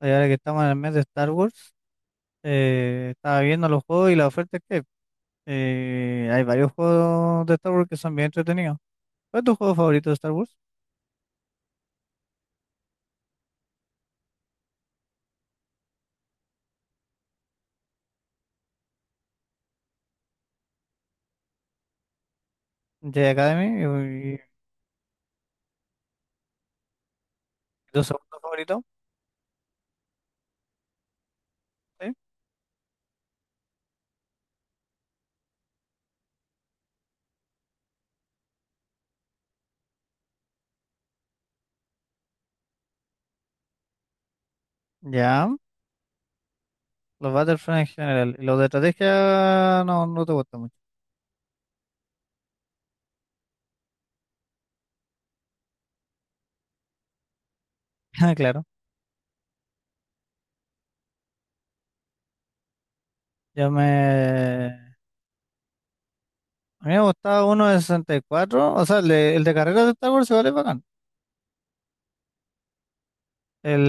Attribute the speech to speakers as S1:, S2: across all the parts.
S1: Y ahora que estamos en el mes de Star Wars, estaba viendo los juegos y la oferta que hay. Hay varios juegos de Star Wars que son bien entretenidos. ¿Cuál es tu juego favorito de Star Wars? Jedi Academy y tu segundo favorito, ¿sí? Ya, los Battlefront en general. Y los de estrategia no te gustan mucho. Ah, claro, yo me... A mí me gustaba uno de 64, o sea, el de carreras de Star Wars se vale bacán. El,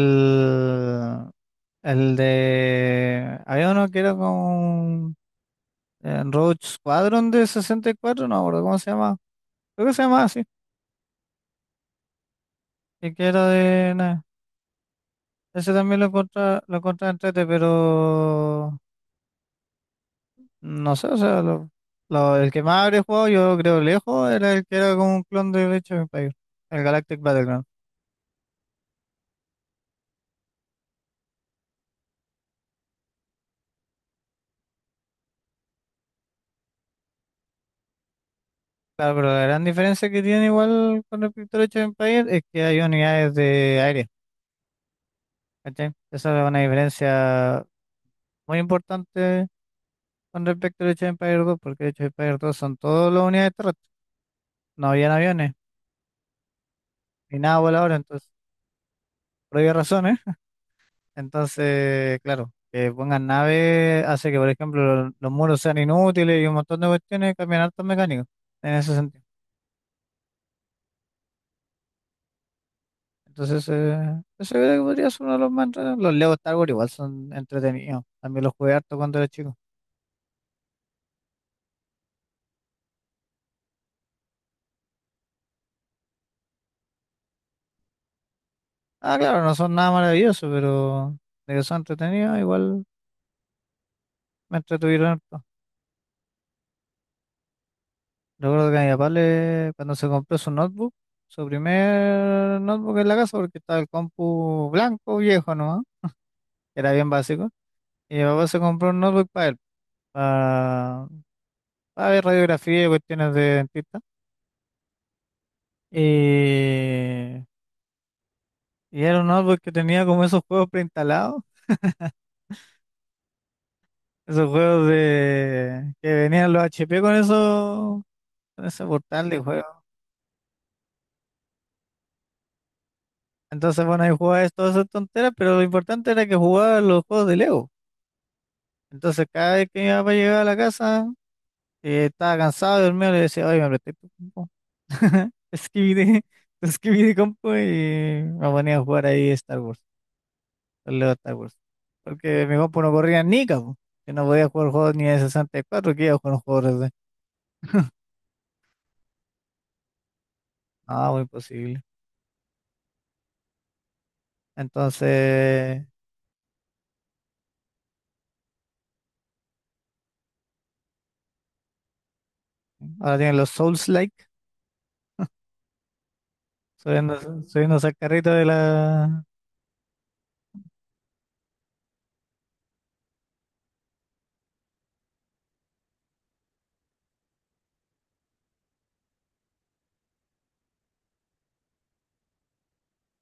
S1: el de... Había uno que era con... En Road Squadron de 64, no me acuerdo cómo se llama. Creo que se llama así. Y que era de... Nah, ese también lo contra entrete, pero... No sé, o sea, el que más habría jugado yo creo lejos era el que era como un clon de Age of Empires, el Galactic Battleground. Claro, pero la gran diferencia que tiene igual con respecto al Age of Empires es que hay unidades de aire, ¿cachai? Esa es una diferencia muy importante con respecto al Age of Empires 2, porque el Age of Empires 2 son todas las unidades terrestres, no habían aviones. Ni nada volador, entonces, por obvias razones. Entonces, claro, que pongan naves hace que, por ejemplo, los muros sean inútiles y un montón de cuestiones cambian hartos mecánicos en ese sentido. Entonces, eso creo que podría ser uno de los más entretenidos. Los Lego Star Wars igual son entretenidos. También los jugué harto cuando era chico. Ah, claro, no son nada maravillosos, pero de que son entretenidos, igual me entretuvieron harto. Recuerdo que a mi papá le, cuando se compró su notebook, su primer notebook en la casa, porque estaba el compu blanco viejo, ¿no? Era bien básico. Y mi papá se compró un notebook para él, para, para ver radiografía y cuestiones de dentista. Y, y era un notebook que tenía como esos juegos preinstalados, esos juegos de que venían los HP con eso, con ese portal de juegos. Entonces, bueno, ahí jugaba es- todas esas tonteras, pero lo importante era que jugaba los juegos de Lego. Entonces, cada vez que mi papá llegaba a la casa, estaba cansado de dormir, le decía, oye, me presté tu compu. Escribí de compu y me ponía a jugar ahí Star Wars, el Lego Star Wars. Porque mi compu no corría ni cabo. Yo no podía jugar juegos ni de 64, que iba a jugar un juego de... No, muy posible. Entonces, ahora tienen los Souls-like, subiendo, subiendo al carrito de la...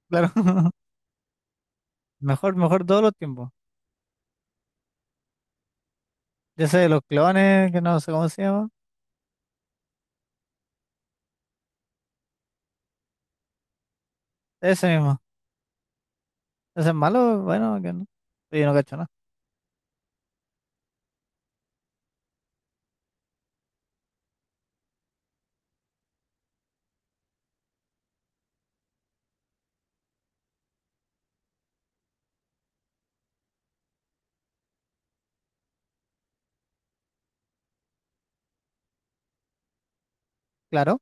S1: Claro, mejor, mejor todos los tiempos. Ya sé, los clones, que no sé cómo se llama. Ese mismo. Ese es malo, bueno, que no. Yo no cacho nada. Claro.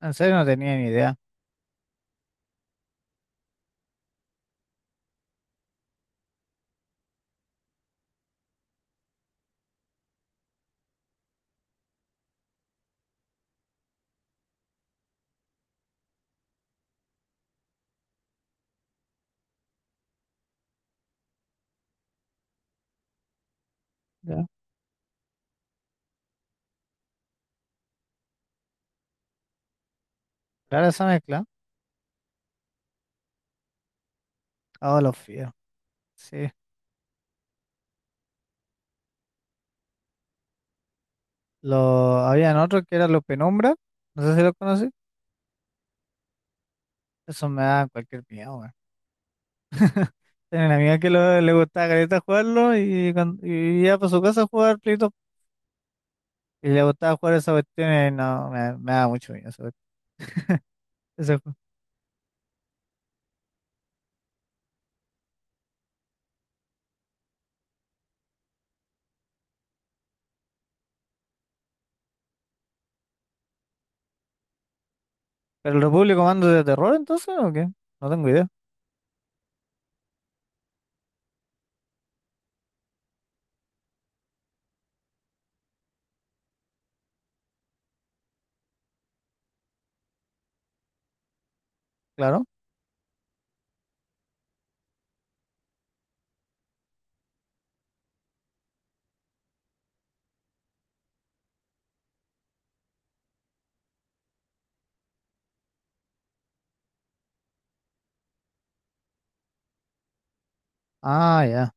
S1: En serio no tenía ni idea. Ya. Claro, esa mezcla. Ah, los fíos. Sí. Lo... Habían otros que eran los penumbra. No sé si los conocí. Eso me da cualquier miedo, weón. Tenía una amiga que le gustaba careta jugarlo y, y iba para su casa a jugar Play Doh. Y le gustaba jugar esa cuestión y no, me da mucho miedo esa cuestión. Ese juego. ¿Pero el Republic Commando de terror entonces o qué? No tengo idea. Claro. Ah, ya.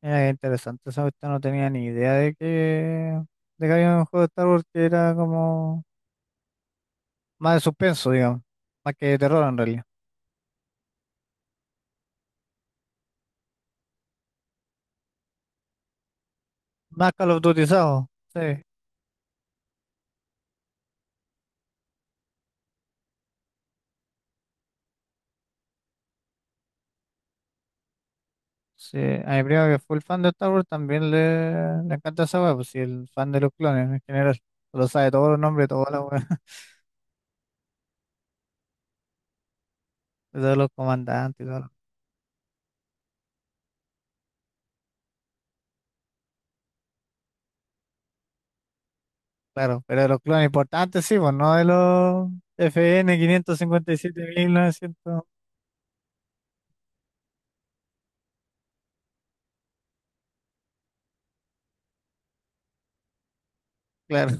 S1: Mira, qué interesante. Esa cuestión no tenía ni idea de que había un juego de Star Wars que era como. Más de suspenso, digamos. Más que de terror en realidad. Más Call of Dutyzado. Sí. Sí. A mi primo que es full fan de Star Wars también le encanta esa weá, pues sí, el fan de los clones en general. Lo sabe todos los nombres, de todas las weas, de todos los comandantes y todo. Lo- Claro, pero de los clones importantes sí, pues no de los FN novecientos. Claro,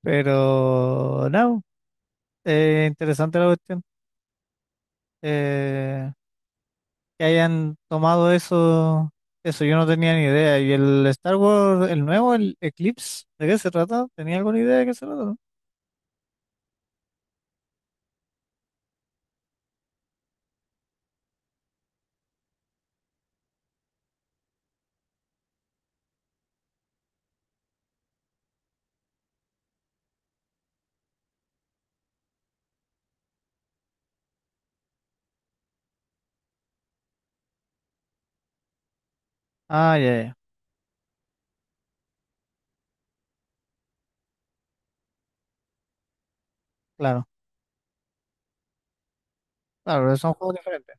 S1: pero no, interesante la cuestión. Eh, que hayan tomado eso, eso yo no tenía ni idea. Y el Star Wars, el nuevo, el Eclipse, ¿de qué se trata? ¿Tenía alguna idea de qué se trata? ¿No? Ah, ya, ya, claro, claro, pero son juegos diferentes.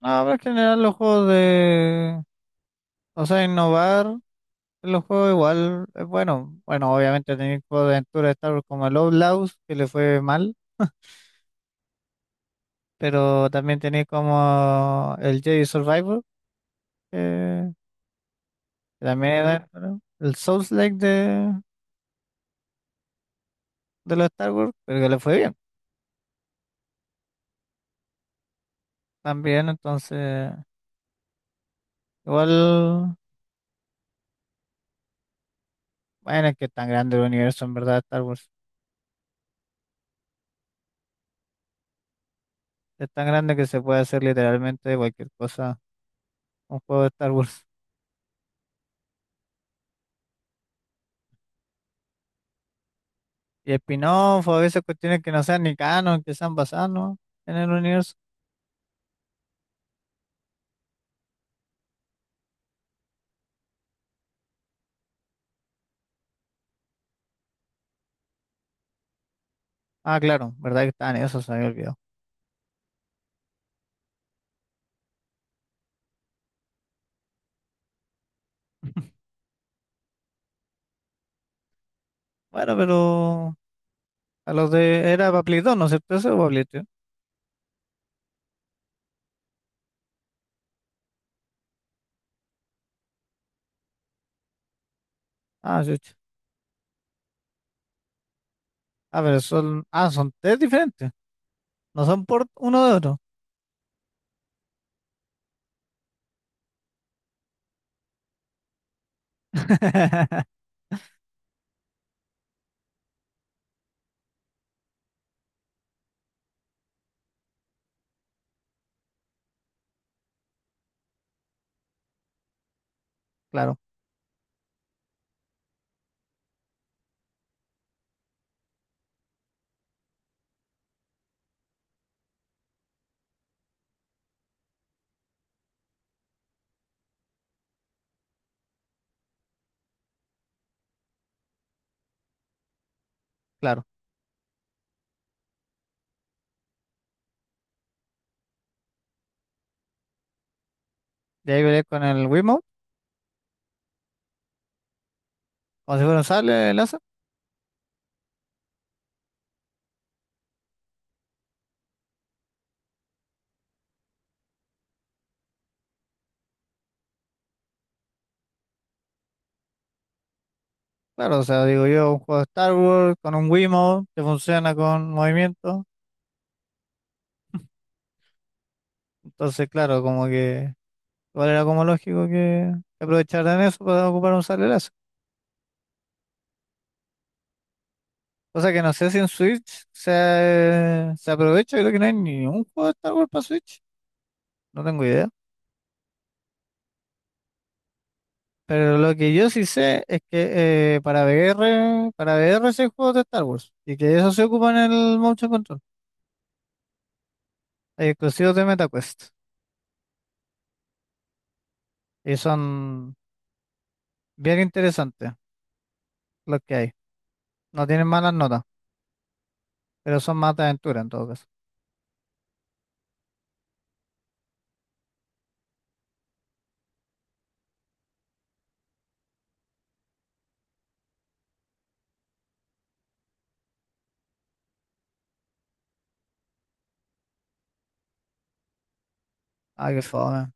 S1: No, pero en general los juegos de, o sea, innovar en los juegos igual es bueno. Bueno, obviamente tenéis juegos de aventura de Star Wars como el Outlaws, que le fue mal, pero también tenéis como el Jedi Survivor, que que también era, ¿no? El Souls-like de los Star Wars, pero que le fue bien. También, entonces, igual, bueno, es que es tan grande el universo, en verdad, Star Wars. Es tan grande que se puede hacer literalmente cualquier cosa, un juego de Star Wars. Y spin-off, o a veces cuestiones que no sean ni canon, que sean basadas, ¿no? En el universo. Ah, claro, verdad que estaban eso, se me había olvidado. Bueno, pero a los de era para Play 2, ¿no es cierto? Eso o para Play 3. Ah, sí. Ah, pero son, ah, son tres diferentes. No son por uno de otro. Claro, claro. Y ahí veré con el Wiimote, como si fuera un sable láser. Claro, o sea, digo yo, un juego de Star Wars con un Wiimote que funciona con movimiento. Entonces, claro, como que igual era como lógico que aprovecharan eso para ocupar un salerazo. O sea que no sé si en Switch se aprovecha, creo que no hay ni un juego de Star Wars para Switch. No tengo idea. Pero lo que yo sí sé es que para VR sí hay juegos de Star Wars. Y que eso se ocupa en el Motion Control. Hay exclusivos de MetaQuest. Y son bien interesantes los que hay. No tienen malas notas. Pero son más de aventura en todo caso. Ah, qué fome.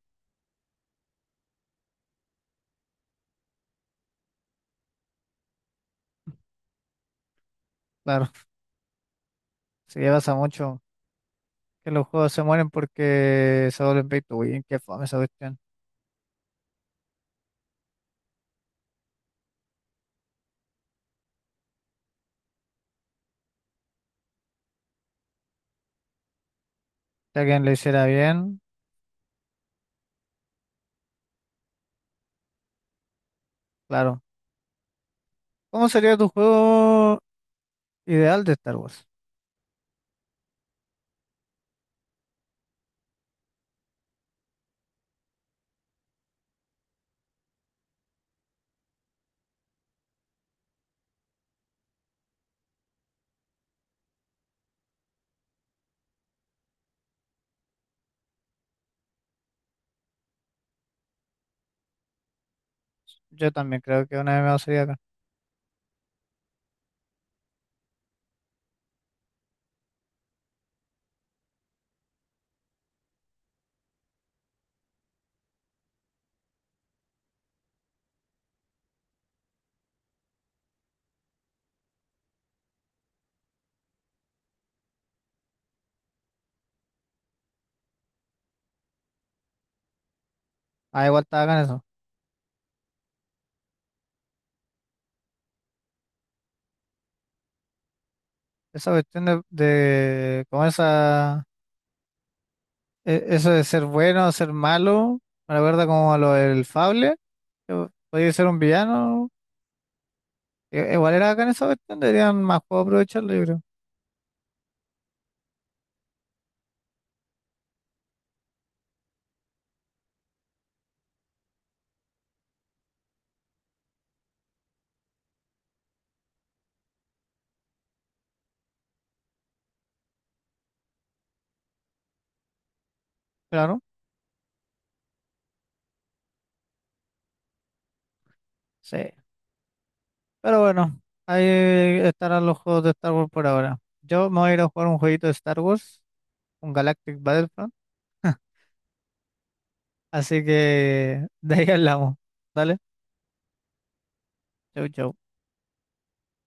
S1: Claro, si ya pasa mucho que los juegos se mueren porque se vuelven pay to win. Qué fome esa cuestión. Si alguien lo hiciera bien, claro. ¿Cómo sería tu juego ideal de Star Wars? Yo también creo que una MMO sería acá. Ah, igual está acá en eso. Esa cuestión de como esa, e- eso de ser bueno, ser malo, me recuerda como a lo del Fable, que podía ser un villano. I- Igual era acá en esa cuestión, deberían más juegos aprovecharlo, yo creo. Claro. Sí. Pero bueno, ahí estarán los juegos de Star Wars por ahora. Yo me voy a ir a jugar un jueguito de Star Wars, un Galactic Battlefront. Así que de ahí hablamos. Dale, chau, chau.